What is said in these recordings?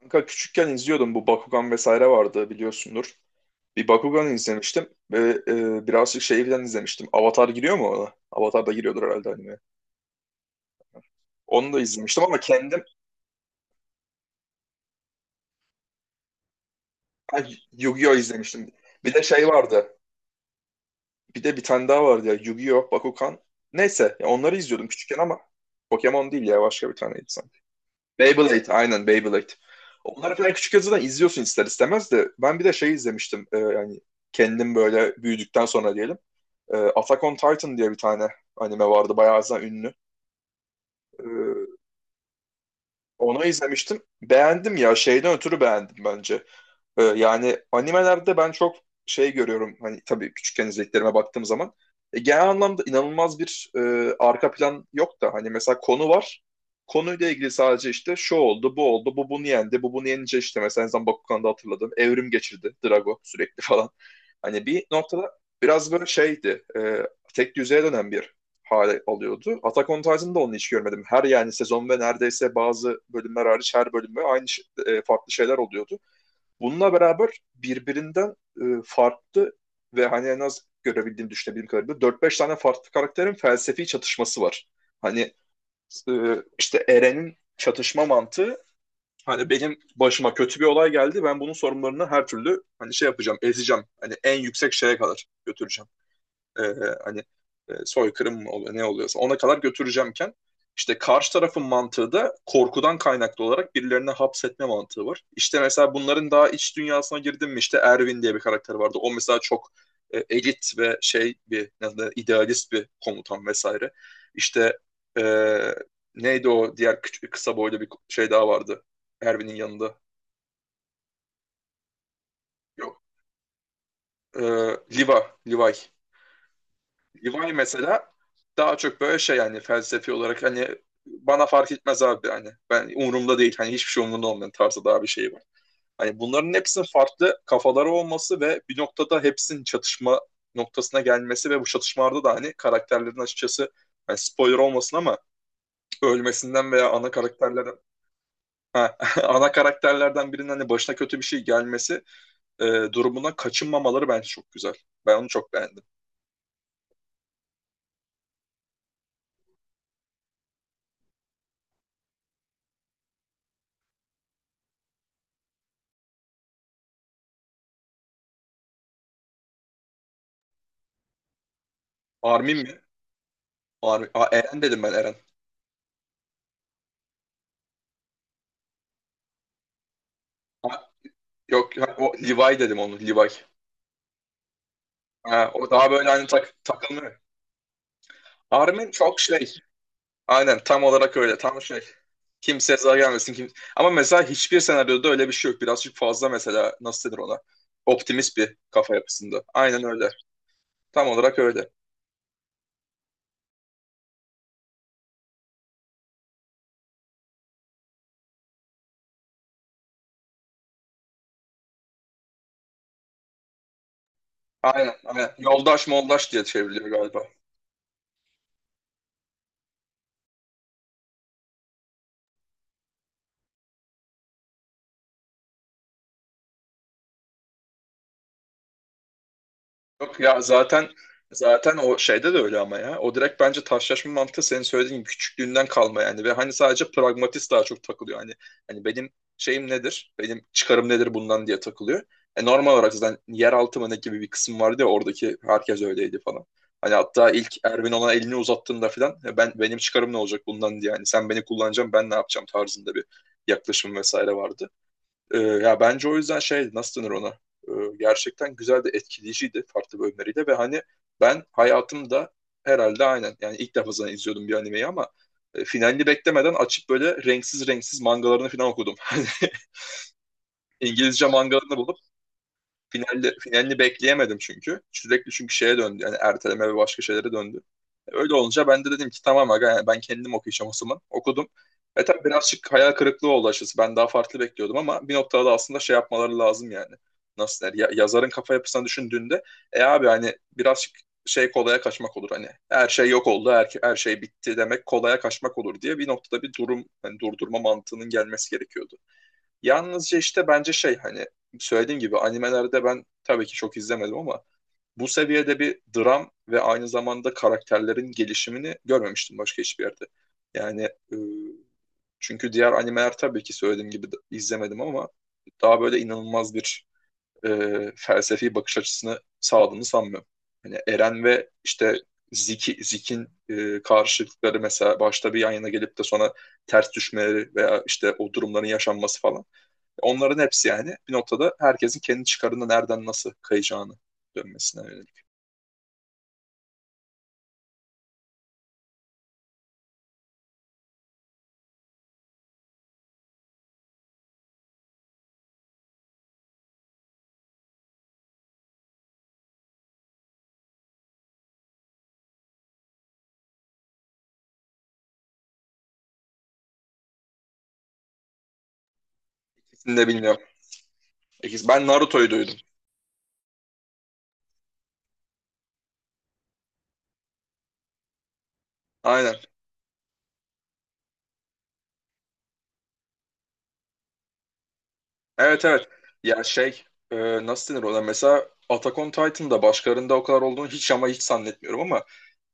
Kanka küçükken izliyordum, bu Bakugan vesaire vardı, biliyorsundur. Bir Bakugan izlemiştim ve birazcık şeyden izlemiştim. Avatar giriyor mu ona? Avatar da giriyordur herhalde anime. Onu da izlemiştim ama kendim ha, Yu-Gi-Oh izlemiştim. Bir de şey vardı. Bir de bir tane daha vardı ya, Yu-Gi-Oh, Bakugan. Neyse ya, onları izliyordum küçükken ama Pokemon değil ya, başka bir taneydi sanki. Beyblade, aynen Beyblade. Onları falan küçük zaten izliyorsun ister istemez, de ben bir de şey izlemiştim yani kendim böyle büyüdükten sonra diyelim. Attack on Titan diye bir tane anime vardı. Bayağı zaten ünlü. E, onu izlemiştim. Beğendim ya. Şeyden ötürü beğendim bence. Yani animelerde ben çok şey görüyorum, hani tabii küçükken izlediklerime baktığım zaman genel anlamda inanılmaz bir arka plan yok da hani mesela konu var. Konuyla ilgili sadece işte şu oldu, bu oldu, bu bunu yendi, bu bunu yenince işte mesela en son Bakugan'da hatırladım. Evrim geçirdi Drago sürekli falan. Hani bir noktada biraz böyle şeydi, tek düzeye dönen bir hale alıyordu. Attack on Titan'da onu hiç görmedim. Her yani sezon ve neredeyse bazı bölümler hariç her bölümde farklı şeyler oluyordu. Bununla beraber birbirinden farklı ve hani en az görebildiğim, düşünebildiğim kadarıyla dört beş tane farklı karakterin felsefi çatışması var. Hani e, işte Eren'in çatışma mantığı, hani benim başıma kötü bir olay geldi, ben bunun sorunlarını her türlü hani şey yapacağım, ezeceğim. Hani en yüksek şeye kadar götüreceğim, e, hani soykırım mı oluyor ne oluyorsa ona kadar götüreceğimken, işte karşı tarafın mantığı da korkudan kaynaklı olarak birilerine hapsetme mantığı var. İşte mesela bunların daha iç dünyasına girdim mi, işte Erwin diye bir karakter vardı. O mesela çok elit ve şey bir, ne idealist bir komutan vesaire. İşte e, neydi o diğer küçük, kısa boylu bir şey daha vardı Erwin'in yanında. Yok. E, Liva, Levi. Levi mesela daha çok böyle şey yani felsefi olarak hani, bana fark etmez abi, hani ben umurumda değil, hani hiçbir şey umurumda olmayan tarzda daha bir şey var. Hani bunların hepsinin farklı kafaları olması ve bir noktada hepsinin çatışma noktasına gelmesi ve bu çatışmalarda da hani karakterlerin açıkçası, yani spoiler olmasın ama ölmesinden veya ana karakterlerden ha, ana karakterlerden birinin hani başına kötü bir şey gelmesi e, durumuna kaçınmamaları bence çok güzel. Ben onu çok beğendim. Armin mi? Armin. Aa, Eren dedim, ben Eren. Yok ya, o Levi dedim, onu Levi. Ha, o daha böyle hani takımı. Armin çok şey. Aynen tam olarak öyle, tam şey. Kimseye zarar gelmesin. Kim... Ama mesela hiçbir senaryoda öyle bir şey yok. Birazcık fazla mesela, nasıl denir ona? Optimist bir kafa yapısında. Aynen öyle. Tam olarak öyle. Aynen, aynen. Yoldaş moldaş diye çevriliyor galiba. Yok ya, zaten o şeyde de öyle ama ya. O direkt bence taşlaşma mantığı, senin söylediğin gibi küçüklüğünden kalma yani, ve hani sadece pragmatist daha çok takılıyor. Hani benim şeyim nedir? Benim çıkarım nedir bundan diye takılıyor. E normal olarak zaten yeraltı mı ne gibi bir kısım vardı ya, oradaki herkes öyleydi falan. Hani hatta ilk Erwin ona elini uzattığında falan, "E ben, benim çıkarım ne olacak bundan diye, yani sen beni kullanacaksın, ben ne yapacağım tarzında bir yaklaşım vesaire vardı. Ya bence o yüzden şey, nasıl denir ona? Gerçekten güzel de etkileyiciydi farklı bölümleriyle ve hani ben hayatımda herhalde aynen yani ilk defa zaten izliyordum bir animeyi, ama finalini beklemeden açıp böyle renksiz renksiz mangalarını falan okudum. Hani İngilizce mangalarını bulup Finalde, finalini bekleyemedim çünkü. Sürekli çünkü şeye döndü. Yani erteleme ve başka şeylere döndü. Öyle olunca ben de dedim ki, tamam aga yani ben kendim okuyacağım o zaman. Okudum. E tabii birazcık hayal kırıklığı oldu açıkçası. Ben daha farklı bekliyordum ama bir noktada aslında şey yapmaları lazım yani. Nasıl der? Yazarın kafa yapısını düşündüğünde abi hani birazcık şey, kolaya kaçmak olur hani. Her şey yok oldu, her şey bitti demek kolaya kaçmak olur diye bir noktada bir durum, hani durdurma mantığının gelmesi gerekiyordu. Yalnızca işte bence şey, hani söylediğim gibi animelerde ben tabii ki çok izlemedim ama bu seviyede bir dram ve aynı zamanda karakterlerin gelişimini görmemiştim başka hiçbir yerde. Yani e, çünkü diğer animeler tabii ki söylediğim gibi izlemedim ama daha böyle inanılmaz bir e, felsefi bakış açısını sağladığını sanmıyorum. Hani Eren ve işte Zik'in karşılıkları mesela başta bir yan yana gelip de sonra ters düşmeleri veya işte o durumların yaşanması falan. Onların hepsi yani bir noktada herkesin kendi çıkarında nereden nasıl kayacağını dönmesine yönelik. İkisini de bilmiyorum. Ben Naruto'yu duydum. Aynen. Evet, evet. Ya şey, e, nasıl denir ona? Mesela Attack on Titan'da başkalarında o kadar olduğunu hiç ama hiç zannetmiyorum ama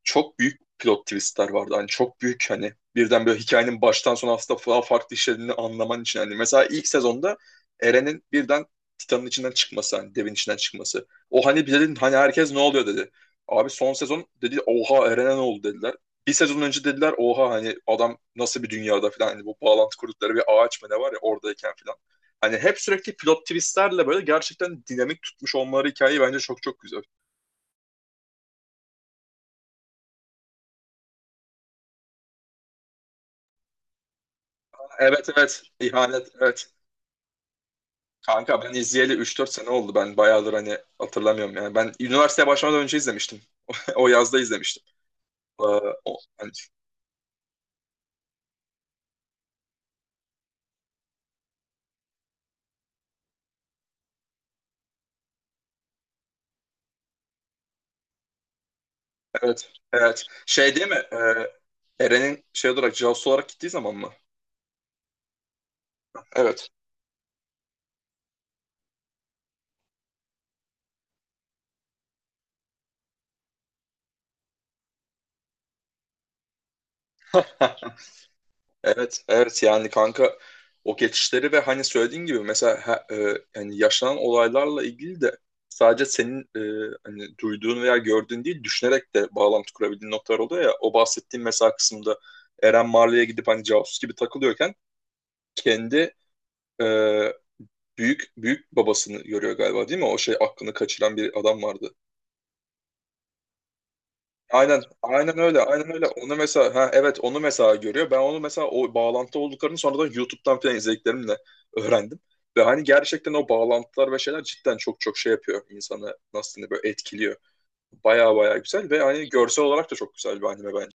çok büyük plot twistler vardı. Hani çok büyük, hani birden böyle hikayenin baştan sona aslında daha farklı işlediğini anlaman için. Hani mesela ilk sezonda Eren'in birden Titan'ın içinden çıkması, hani devin içinden çıkması. O hani bir hani herkes ne oluyor dedi. Abi son sezon dedi, oha Eren'e ne oldu dediler. Bir sezon önce dediler, oha hani adam nasıl bir dünyada falan hani bu bağlantı kurdukları bir ağaç mı ne var ya oradayken falan. Hani hep sürekli pilot twistlerle böyle gerçekten dinamik tutmuş olmaları hikayeyi bence çok çok güzel. Evet, evet, ihanet, evet. Kanka ben izleyeli 3-4 sene oldu. Ben bayağıdır hani hatırlamıyorum yani. Ben üniversiteye başlamadan önce izlemiştim. O yazda izlemiştim. Ee, hani- evet. Evet. Şey değil mi? Eren'in şey olarak, casusu olarak gittiği zaman mı? Evet. Evet. Evet yani kanka o geçişleri ve hani söylediğin gibi mesela yani yaşanan olaylarla ilgili de sadece senin hani duyduğun veya gördüğün değil düşünerek de bağlantı kurabildiğin noktalar oluyor ya. O bahsettiğim mesela kısımda Eren Marley'e gidip hani casus gibi takılıyorken kendi e, büyük büyük babasını görüyor galiba değil mi? O şey, aklını kaçıran bir adam vardı. Aynen, aynen öyle, aynen öyle. Onu mesela, ha evet, onu mesela görüyor. Ben onu mesela o bağlantı olduklarını sonradan YouTube'dan falan izlediklerimle öğrendim. Ve hani gerçekten o bağlantılar ve şeyler cidden çok çok şey yapıyor insanı, nasıl diyeyim, böyle etkiliyor. Baya baya güzel ve hani görsel olarak da çok güzel bir anime bence.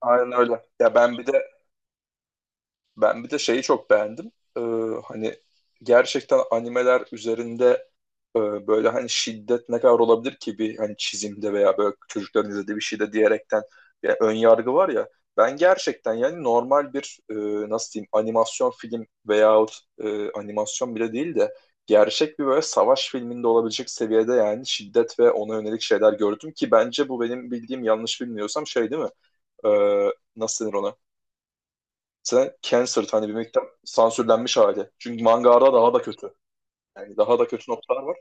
Aynen öyle. Ya ben bir de ben bir de şeyi çok beğendim. Ee, hani gerçekten animeler üzerinde e, böyle hani şiddet ne kadar olabilir ki bir hani çizimde veya böyle çocukların izlediği bir şeyde diyerekten bir ön yargı var ya, ben gerçekten yani normal bir nasıl diyeyim, animasyon film veyahut animasyon bile değil de gerçek bir böyle savaş filminde olabilecek seviyede yani şiddet ve ona yönelik şeyler gördüm ki bence bu benim bildiğim, yanlış bilmiyorsam şey değil mi? Nasıl denir ona? Sen cancer hani bir miktar sansürlenmiş hali. Çünkü mangada daha da kötü. Yani daha da kötü noktalar var.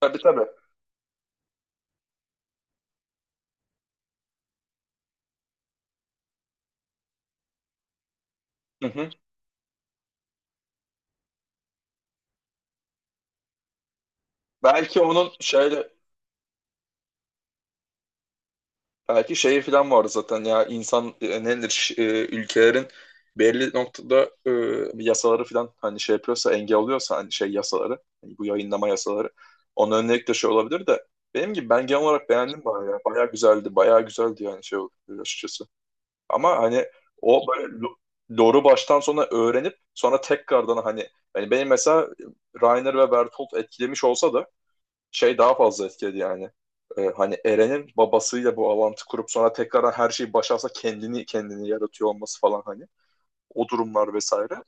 Tabii, tabii. Hı hı. Belki onun şöyle belki şeyi falan var zaten ya, insan ülkelerin belli noktada yasaları falan hani şey yapıyorsa engel oluyorsa hani şey yasaları, hani bu yayınlama yasaları onun önüne de şey olabilir de, benim gibi ben genel olarak beğendim bayağı ya. Bayağı güzeldi, bayağı güzeldi yani şey oldu açıkçası, ama hani o böyle lore'u baştan sona öğrenip sonra tekrardan hani, hani benim mesela Rainer ve Bertolt etkilemiş olsa da şey daha fazla etkiledi yani. Hani Eren'in babasıyla bu bağlantı kurup sonra tekrardan her şeyi başarsa kendini yaratıyor olması falan hani. O durumlar vesaire.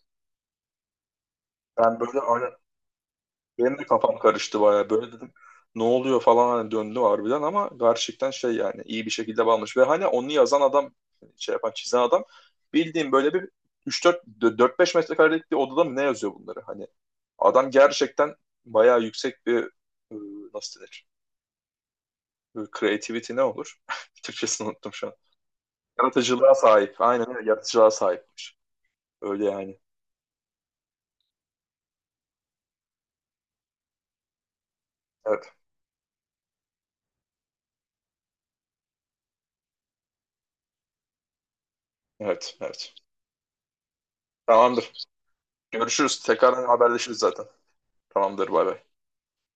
Ben böyle aynen benim de kafam karıştı bayağı. Böyle dedim ne oluyor falan hani, döndü harbiden, ama gerçekten şey yani iyi bir şekilde bağlamış. Ve hani onu yazan adam, şey yapan çizen adam, bildiğim böyle bir üç dört dört beş metrekarelik bir odada mı ne yazıyor bunları hani. Adam gerçekten bayağı yüksek bir e, nasıl denir? Creativity ne olur? Türkçesini unuttum şu an. Yaratıcılığa sahip. Aynen öyle. Yaratıcılığa sahipmiş. Öyle yani. Evet. Evet. Evet. Tamamdır. Görüşürüz. Tekrardan haberleşiriz zaten. Tamamdır. Bay bay.